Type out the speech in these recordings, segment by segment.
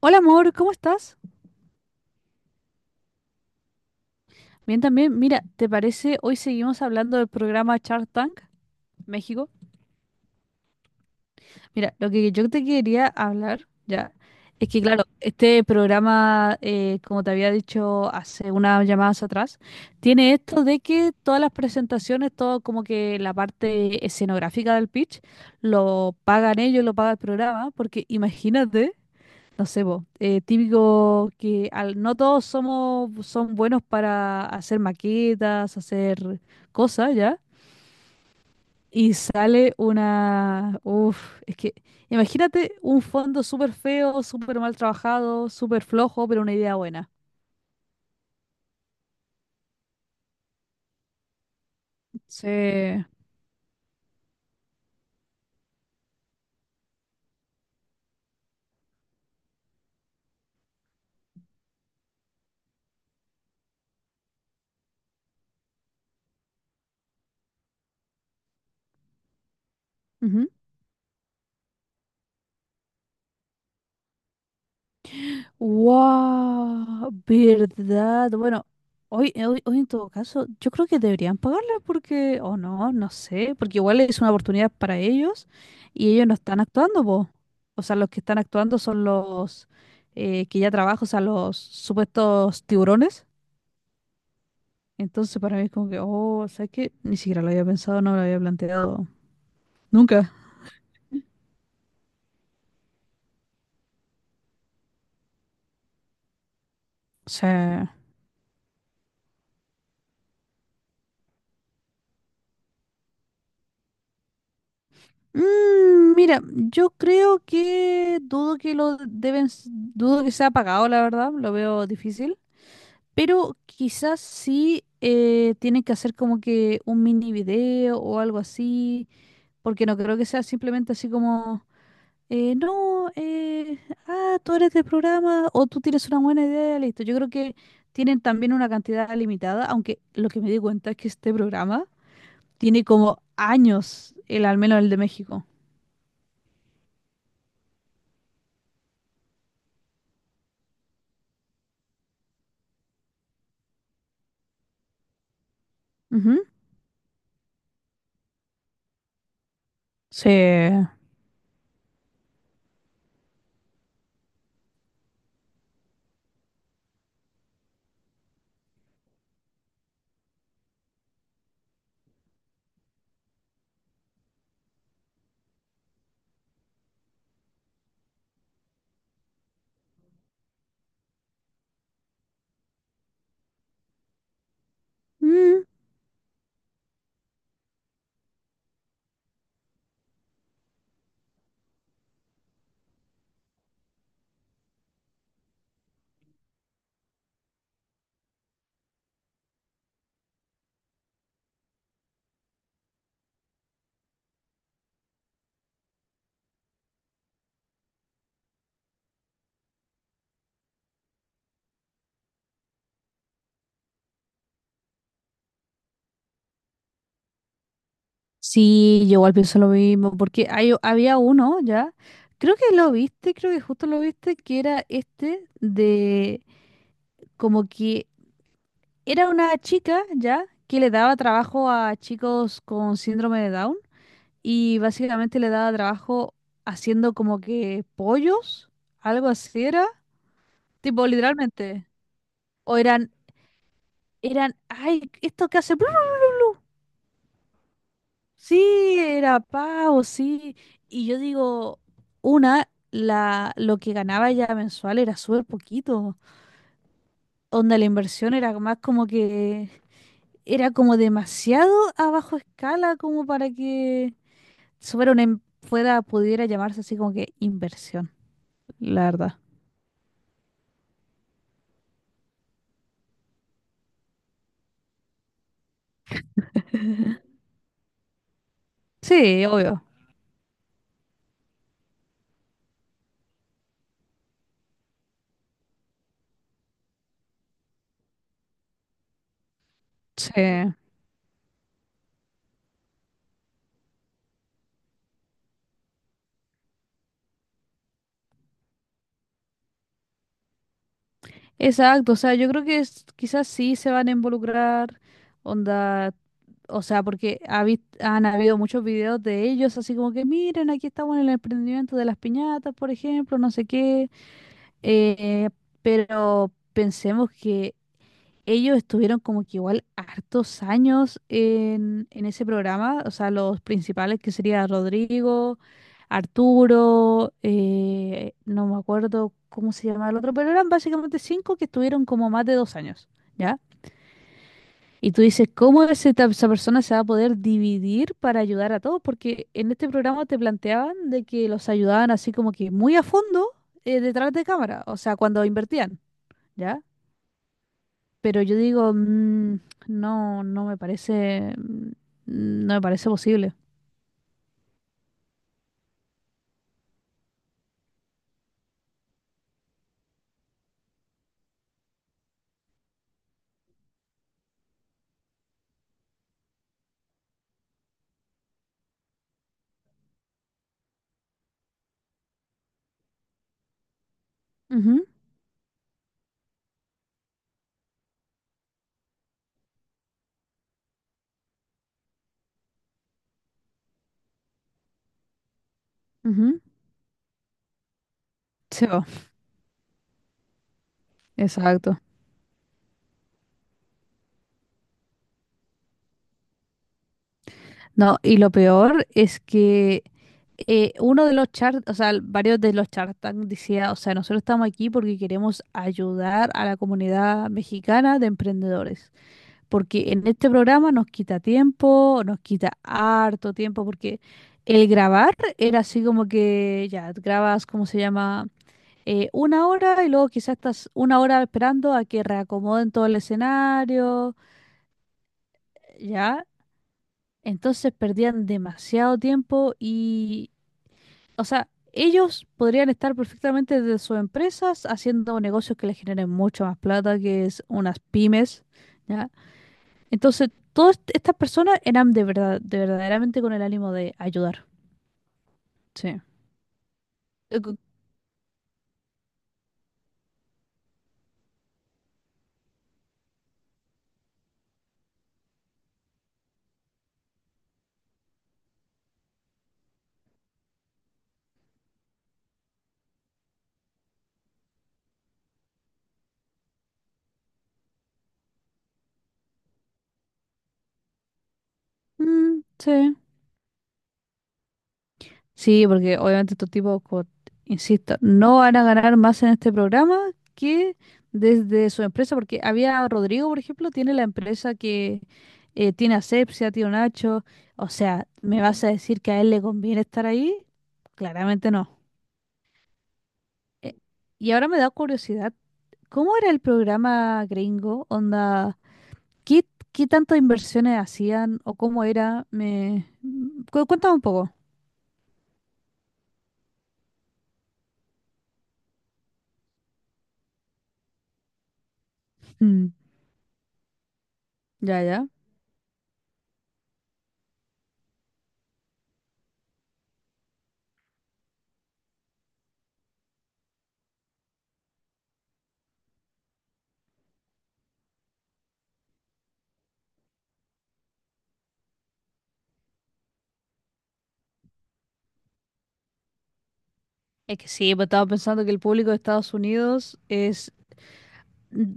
Hola amor, ¿cómo estás? Bien también, mira, ¿te parece? Hoy seguimos hablando del programa Shark Tank México. Mira, lo que yo te quería hablar ya es que, claro, este programa, como te había dicho hace unas llamadas atrás, tiene esto de que todas las presentaciones, todo como que la parte escenográfica del pitch, lo pagan ellos, lo paga el programa, porque imagínate. No sé, po, típico que al, no todos somos, son buenos para hacer maquetas, hacer cosas, ¿ya? Y sale una... Uf, es que imagínate un fondo súper feo, súper mal trabajado, súper flojo, pero una idea buena. Sí. Ujú. ¡Wow! ¿Verdad? Bueno, hoy en todo caso, yo creo que deberían pagarle porque, o no, no sé, porque igual es una oportunidad para ellos y ellos no están actuando, po. O sea, los que están actuando son los que ya trabajan, o sea, los supuestos tiburones. Entonces, para mí es como que, oh, o sea, que ni siquiera lo había pensado, no lo había planteado. Nunca. O sea. Mira, yo creo que dudo que lo deben, s- dudo que sea pagado, la verdad, lo veo difícil. Pero quizás sí tienen que hacer como que un mini video o algo así, porque no creo que sea simplemente así como, no, ah, tú eres del programa o tú tienes una buena idea, listo. Yo creo que tienen también una cantidad limitada, aunque lo que me di cuenta es que este programa tiene como años, el al menos el de México. Ujú. Sí. Mm, sí, yo igual pienso lo mismo, porque hay, había uno ya, creo que lo viste, creo que justo lo viste, que era este de como que era una chica ya que le daba trabajo a chicos con síndrome de Down y básicamente le daba trabajo haciendo como que pollos, algo así era, tipo literalmente, o eran, eran, ay, esto que hace... Sí, era pago, sí. Y yo digo, una, la, lo que ganaba ya mensual era súper poquito. Onda, la inversión era más como que era como demasiado a bajo escala como para que fuera una em- fuera, pudiera llamarse así como que inversión, la verdad. Sí, obvio. Sí. Exacto, o sea, yo creo que es- quizás sí se van a involucrar, onda, o sea, porque ha vis- han habido muchos videos de ellos, así como que miren, aquí estamos en el emprendimiento de las piñatas, por ejemplo, no sé qué. Eh, pero pensemos que ellos estuvieron como que igual hartos años en ese programa, o sea, los principales que sería Rodrigo, Arturo, no me acuerdo cómo se llamaba el otro, pero eran básicamente cinco que estuvieron como más de dos años. ¿Ya? Y tú dices, ¿cómo ese ta- esa persona se va a poder dividir para ayudar a todos? Porque en este programa te planteaban de que los ayudaban así como que muy a fondo detrás de cámara, o sea, cuando invertían, ¿ya? Pero yo digo, no, no me parece, no me parece posible. Ujú, ujú. Sí, po, exacto. No, y lo peor es que uno de los charts, o sea, varios de los Shark Tank decía, o sea, nosotros estamos aquí porque queremos ayudar a la comunidad mexicana de emprendedores, porque en este programa nos quita tiempo, nos quita harto tiempo, porque el grabar era así como que ya grabas, ¿cómo se llama? Una hora y luego quizás estás una hora esperando a que reacomoden todo el escenario, ¿ya? Entonces perdían demasiado tiempo y, o sea, ellos podrían estar perfectamente desde sus empresas haciendo negocios que les generen mucho más plata, que es unas pymes, ¿ya? Entonces, todas est- estas personas eran de verdad, de verdaderamente con el ánimo de ayudar. Sí. Cu- Mm, sí. Sí, porque obviamente estos tipos, co- insisto, no van a ganar más en este programa que desde su empresa, porque había Rodrigo, por ejemplo, tiene la empresa que tiene asepsia, tío Nacho. O sea, ¿me vas a decir que a él le conviene estar ahí? Claramente no. Eh, y ahora me da curiosidad, ¿cómo era el programa gringo? Onda, ¿qué, qué tantas inversiones hacían o cómo era? Me... cu- Cuéntame un poco. Mm, ya. Es que sí, pues estaba pensando que el público de Estados Unidos es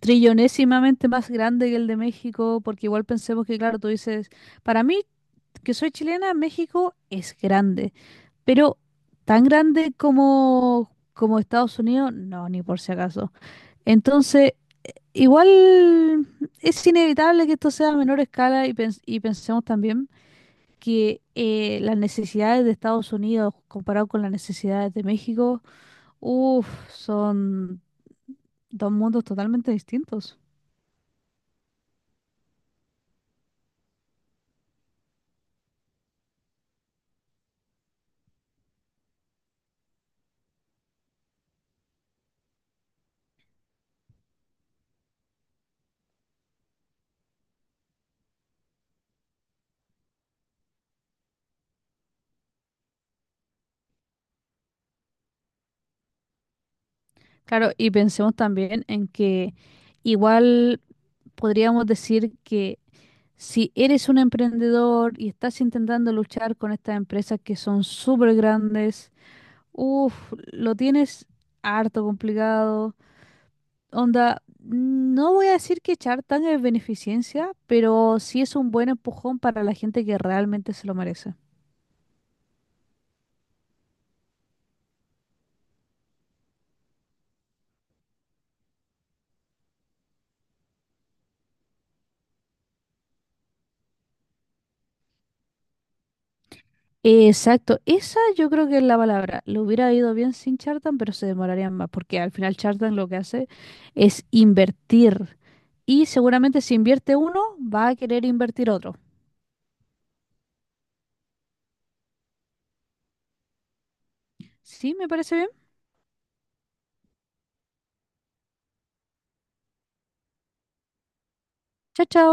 trillonésimamente más grande que el de México, porque igual pensemos que, claro, tú dices, para mí, que soy chilena, México es grande, pero tan grande como, como Estados Unidos, no, ni por si acaso. Entonces, igual es inevitable que esto sea a menor escala y, pens- y pensemos también que las necesidades de Estados Unidos comparado con las necesidades de México, uff, son dos mundos totalmente distintos. Claro, y pensemos también en que igual podríamos decir que si eres un emprendedor y estás intentando luchar con estas empresas que son súper grandes, uff, lo tienes harto complicado. Onda, no voy a decir que Chartan es beneficencia, pero sí es un buen empujón para la gente que realmente se lo merece. Exacto, esa yo creo que es la palabra. Lo hubiera ido bien sin Chartan, pero se demorarían más, porque al final Chartan lo que hace es invertir. Y seguramente si invierte uno, va a querer invertir otro. Sí, me parece bien. Chao, chao.